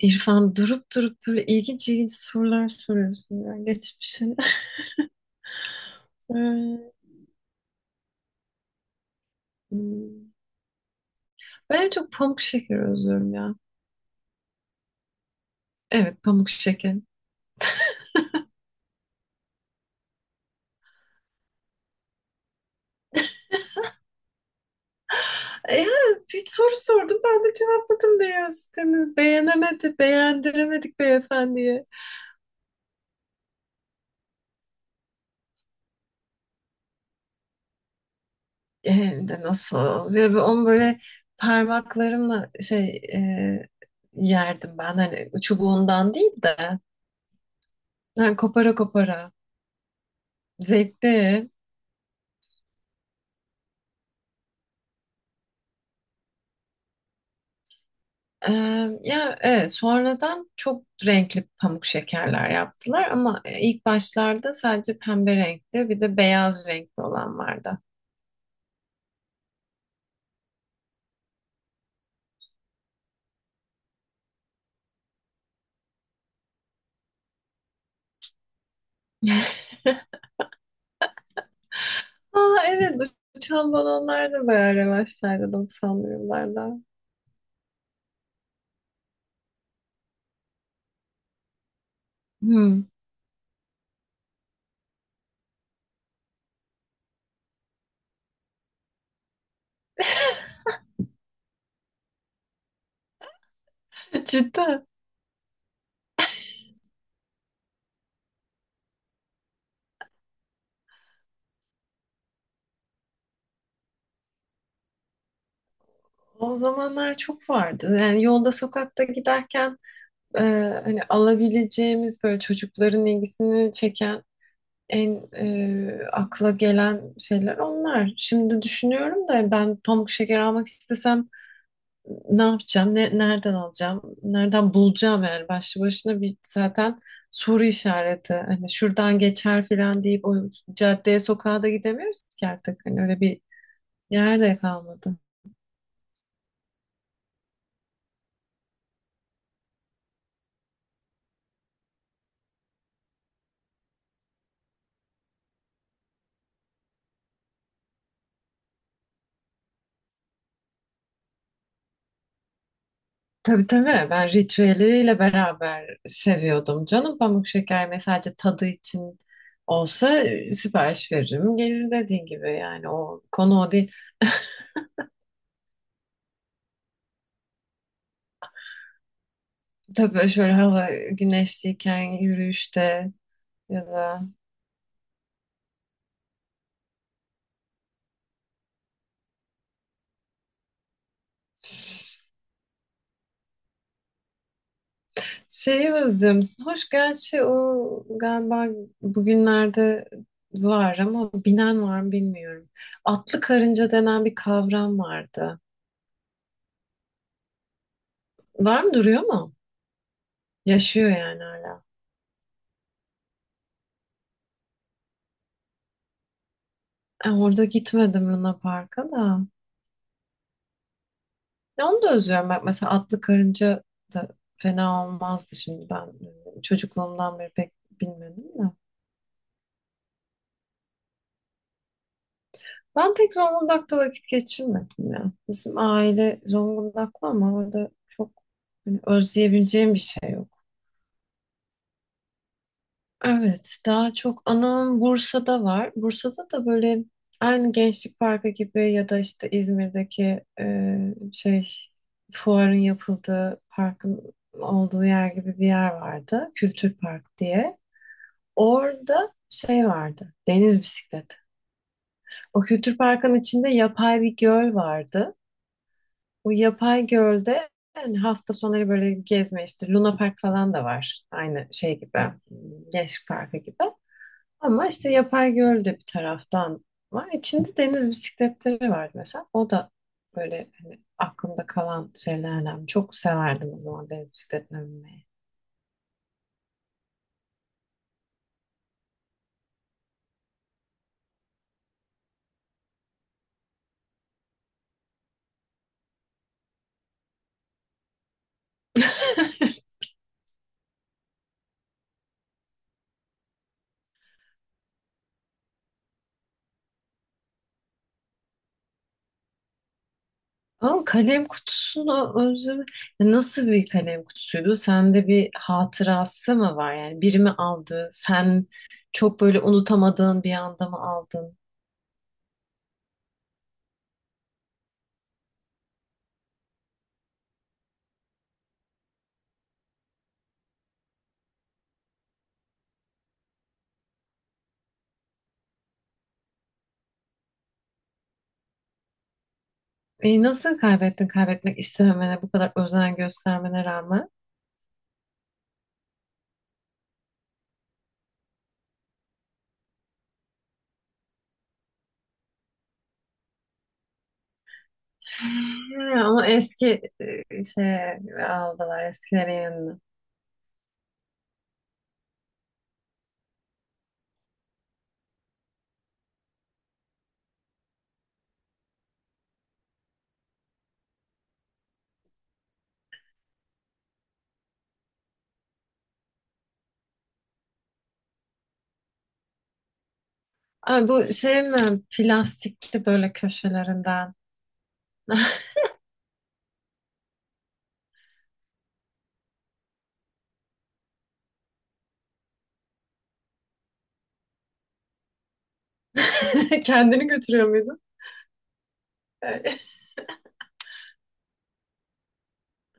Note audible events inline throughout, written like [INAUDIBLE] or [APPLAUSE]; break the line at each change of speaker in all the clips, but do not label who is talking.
İrfan, durup durup böyle ilginç ilginç sorular soruyorsun ya geçmişe. [LAUGHS] Ee, hmm. Ben en çok pamuk şeker özlüyorum ya. Evet, pamuk şeker. Ya bir soru sordum, ben de cevapladım diye sistemi. Beğenemedi, beğendiremedik beyefendiye. E, hem de nasıl? Ve onu böyle parmaklarımla e, yerdim ben. Hani çubuğundan değil de. Yani kopara kopara. Zevkli. Ee, ya evet, sonradan çok renkli pamuk şekerler yaptılar ama ilk başlarda sadece pembe renkli bir de beyaz renkli olan vardı. [LAUGHS] Aa evet, uçan balonlar da bayağı revaçtaydı doksanlı yıllarda. Hmm. [LAUGHS] Cidden. O zamanlar çok vardı. Yani yolda sokakta giderken e, hani alabileceğimiz böyle çocukların ilgisini çeken, en akla gelen şeyler onlar. Şimdi düşünüyorum da ben pamuk şeker almak istesem ne yapacağım? Ne, nereden alacağım? Nereden bulacağım yani? Başlı başına bir zaten soru işareti. Hani şuradan geçer filan deyip o caddeye sokağa da gidemiyoruz ki artık. Hani öyle bir yer de kalmadı. Tabii tabii, ben ritüeliyle beraber seviyordum canım. Pamuk şeker mesela sadece tadı için olsa, sipariş veririm gelir dediğin gibi, yani o konu o değil. Tabii böyle şöyle hava güneşliyken yürüyüşte ya da şeyi özlüyor musun? Hoş gerçi o galiba bugünlerde var ama binen var mı bilmiyorum. Atlı karınca denen bir kavram vardı. Var mı, duruyor mu? Yaşıyor yani hala. E, orada gitmedim Luna Park'a da. Ya onu da özlüyorum. Bak mesela atlı karınca da fena olmazdı şimdi ben. Çocukluğumdan beri pek bilmedim de. Ben pek Zonguldak'ta vakit geçirmedim ya. Bizim aile Zonguldaklı ama orada çok hani özleyebileceğim bir şey. Evet, daha çok anım Bursa'da var. Bursa'da da böyle aynı Gençlik Parkı gibi ya da işte İzmir'deki şey fuarın yapıldığı parkın olduğu yer gibi bir yer vardı. Kültür Park diye. Orada şey vardı. Deniz bisikleti. O Kültür Park'ın içinde yapay bir göl vardı. O yapay gölde yani hafta sonları böyle gezme, işte Luna Park falan da var. Aynı şey gibi. Gençlik Parkı gibi. Ama işte yapay göl de bir taraftan var. İçinde deniz bisikletleri vardı mesela. O da böyle hani aklımda kalan şeylerden. Çok severdim o zaman deniz bisikletine binmeyi. [LAUGHS] Ama kalem kutusunu özlemi. Ya nasıl bir kalem kutusuydu? Sende bir hatırası mı var? Yani biri mi aldı? Sen çok böyle unutamadığın bir anda mı aldın? E, nasıl kaybettin kaybetmek istememene bu kadar özen göstermene rağmen? Ha, onu eski e, şeye aldılar, eskilerin yanına. Ay, bu şey mi? Plastikli böyle köşelerinden. [LAUGHS] Kendini götürüyor muydun? [LAUGHS]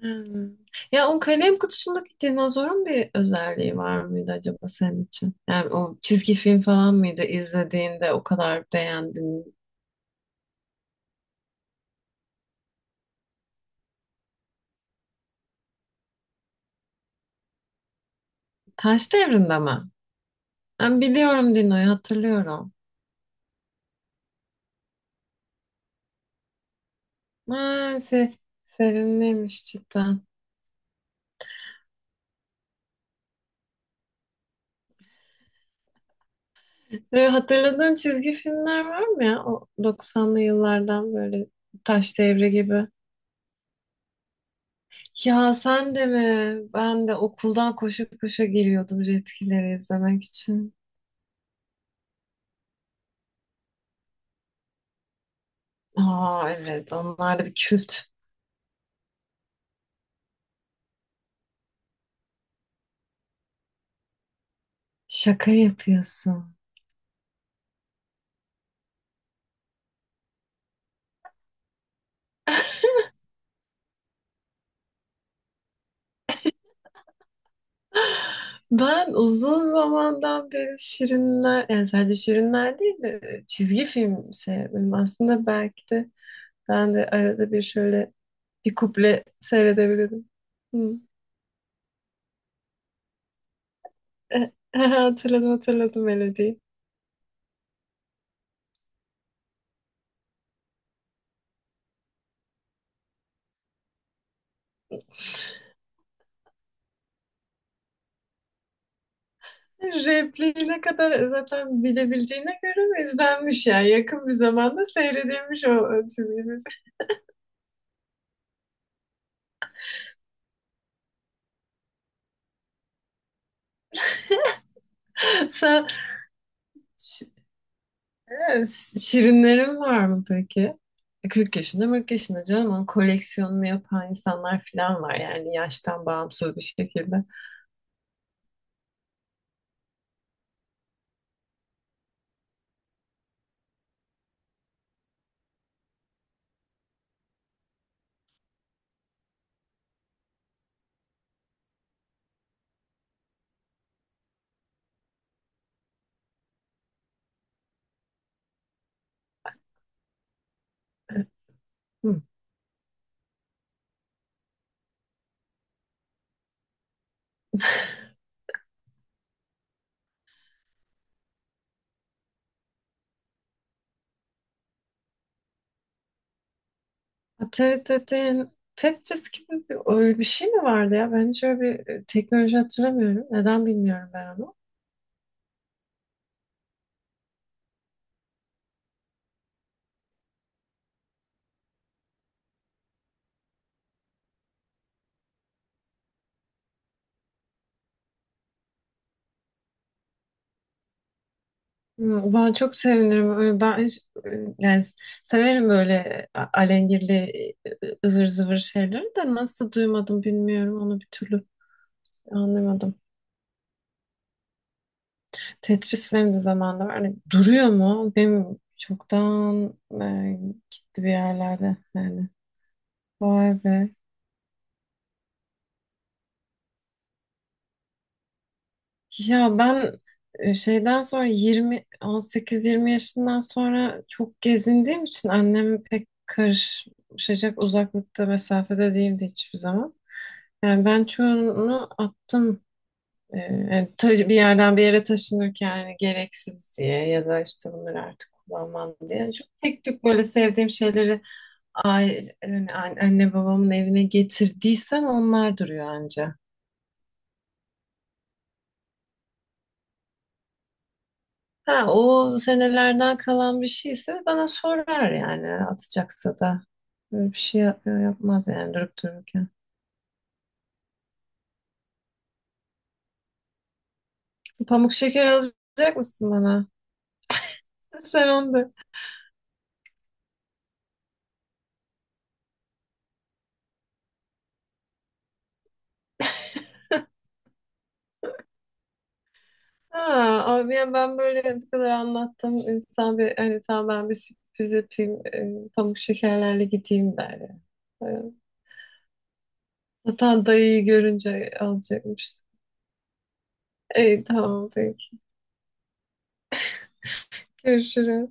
Hmm. Ya o kalem kutusundaki dinozorun bir özelliği var mıydı acaba senin için? Yani o çizgi film falan mıydı izlediğinde o kadar beğendin? Taş Devri'nde mi? Ben biliyorum, Dino'yu hatırlıyorum. Ha, se Sevimliymiş cidden. Böyle hatırladığın çizgi filmler var mı ya? O 90'lı yıllardan böyle Taş Devri gibi. Ya sen de mi? Ben de okuldan koşa koşa geliyordum Jetgilleri izlemek için. Aa evet, onlar da bir kült. Şaka yapıyorsun. Ben uzun zamandan beri Şirinler, yani sadece Şirinler değil de çizgi film sevdim. Aslında belki de ben de arada bir şöyle bir kuple seyredebilirim. Hı. E, [LAUGHS] hatırladım hatırladım melodiyi. Repliği ne kadar zaten bilebildiğine göre izlenmiş ya. Yakın bir zamanda seyredilmiş o çizginin. [LAUGHS] Sen şi- evet, şirinlerin var mı peki? E, 40 yaşında 40 yaşında canım, onun koleksiyonunu yapan insanlar falan var yani yaştan bağımsız bir şekilde. Hı. Atari dediğin Tetris gibi bir, öyle bir şey mi vardı ya? Ben hiç öyle bir teknoloji hatırlamıyorum. Neden bilmiyorum ben onu. Hmm, ben çok sevinirim. Ben yani severim böyle alengirli ıvır zıvır şeyleri de nasıl duymadım bilmiyorum. Onu bir türlü anlamadım. Tetris benim de zamanında var. Hani duruyor mu? Benim çoktan e, gitti bir yerlerde yani. Vay be. Ya ben şeyden sonra 18-20 yaşından sonra çok gezindiğim için annem pek karışacak uzaklıkta mesafede değildi hiçbir zaman. Yani ben çoğunu attım. Yani bir yerden bir yere taşınırken yani gereksiz diye ya da işte bunları artık kullanmam diye. Yani çok tek tük böyle sevdiğim şeyleri aile, yani anne babamın evine getirdiysem onlar duruyor anca. Ha, o senelerden kalan bir şeyse bana sorar yani atacaksa da. Böyle bir şey yapmaz yani durup dururken. Pamuk şeker alacak mısın bana? [LAUGHS] Sen onu da. Ha, abi ya ben böyle bu kadar anlattım. İnsan bir hani tamam ben bir sürpriz yapayım. Pamuk şekerlerle gideyim der ya. E, zaten dayıyı görünce alacakmış. İyi tamam, peki. Görüşürüz.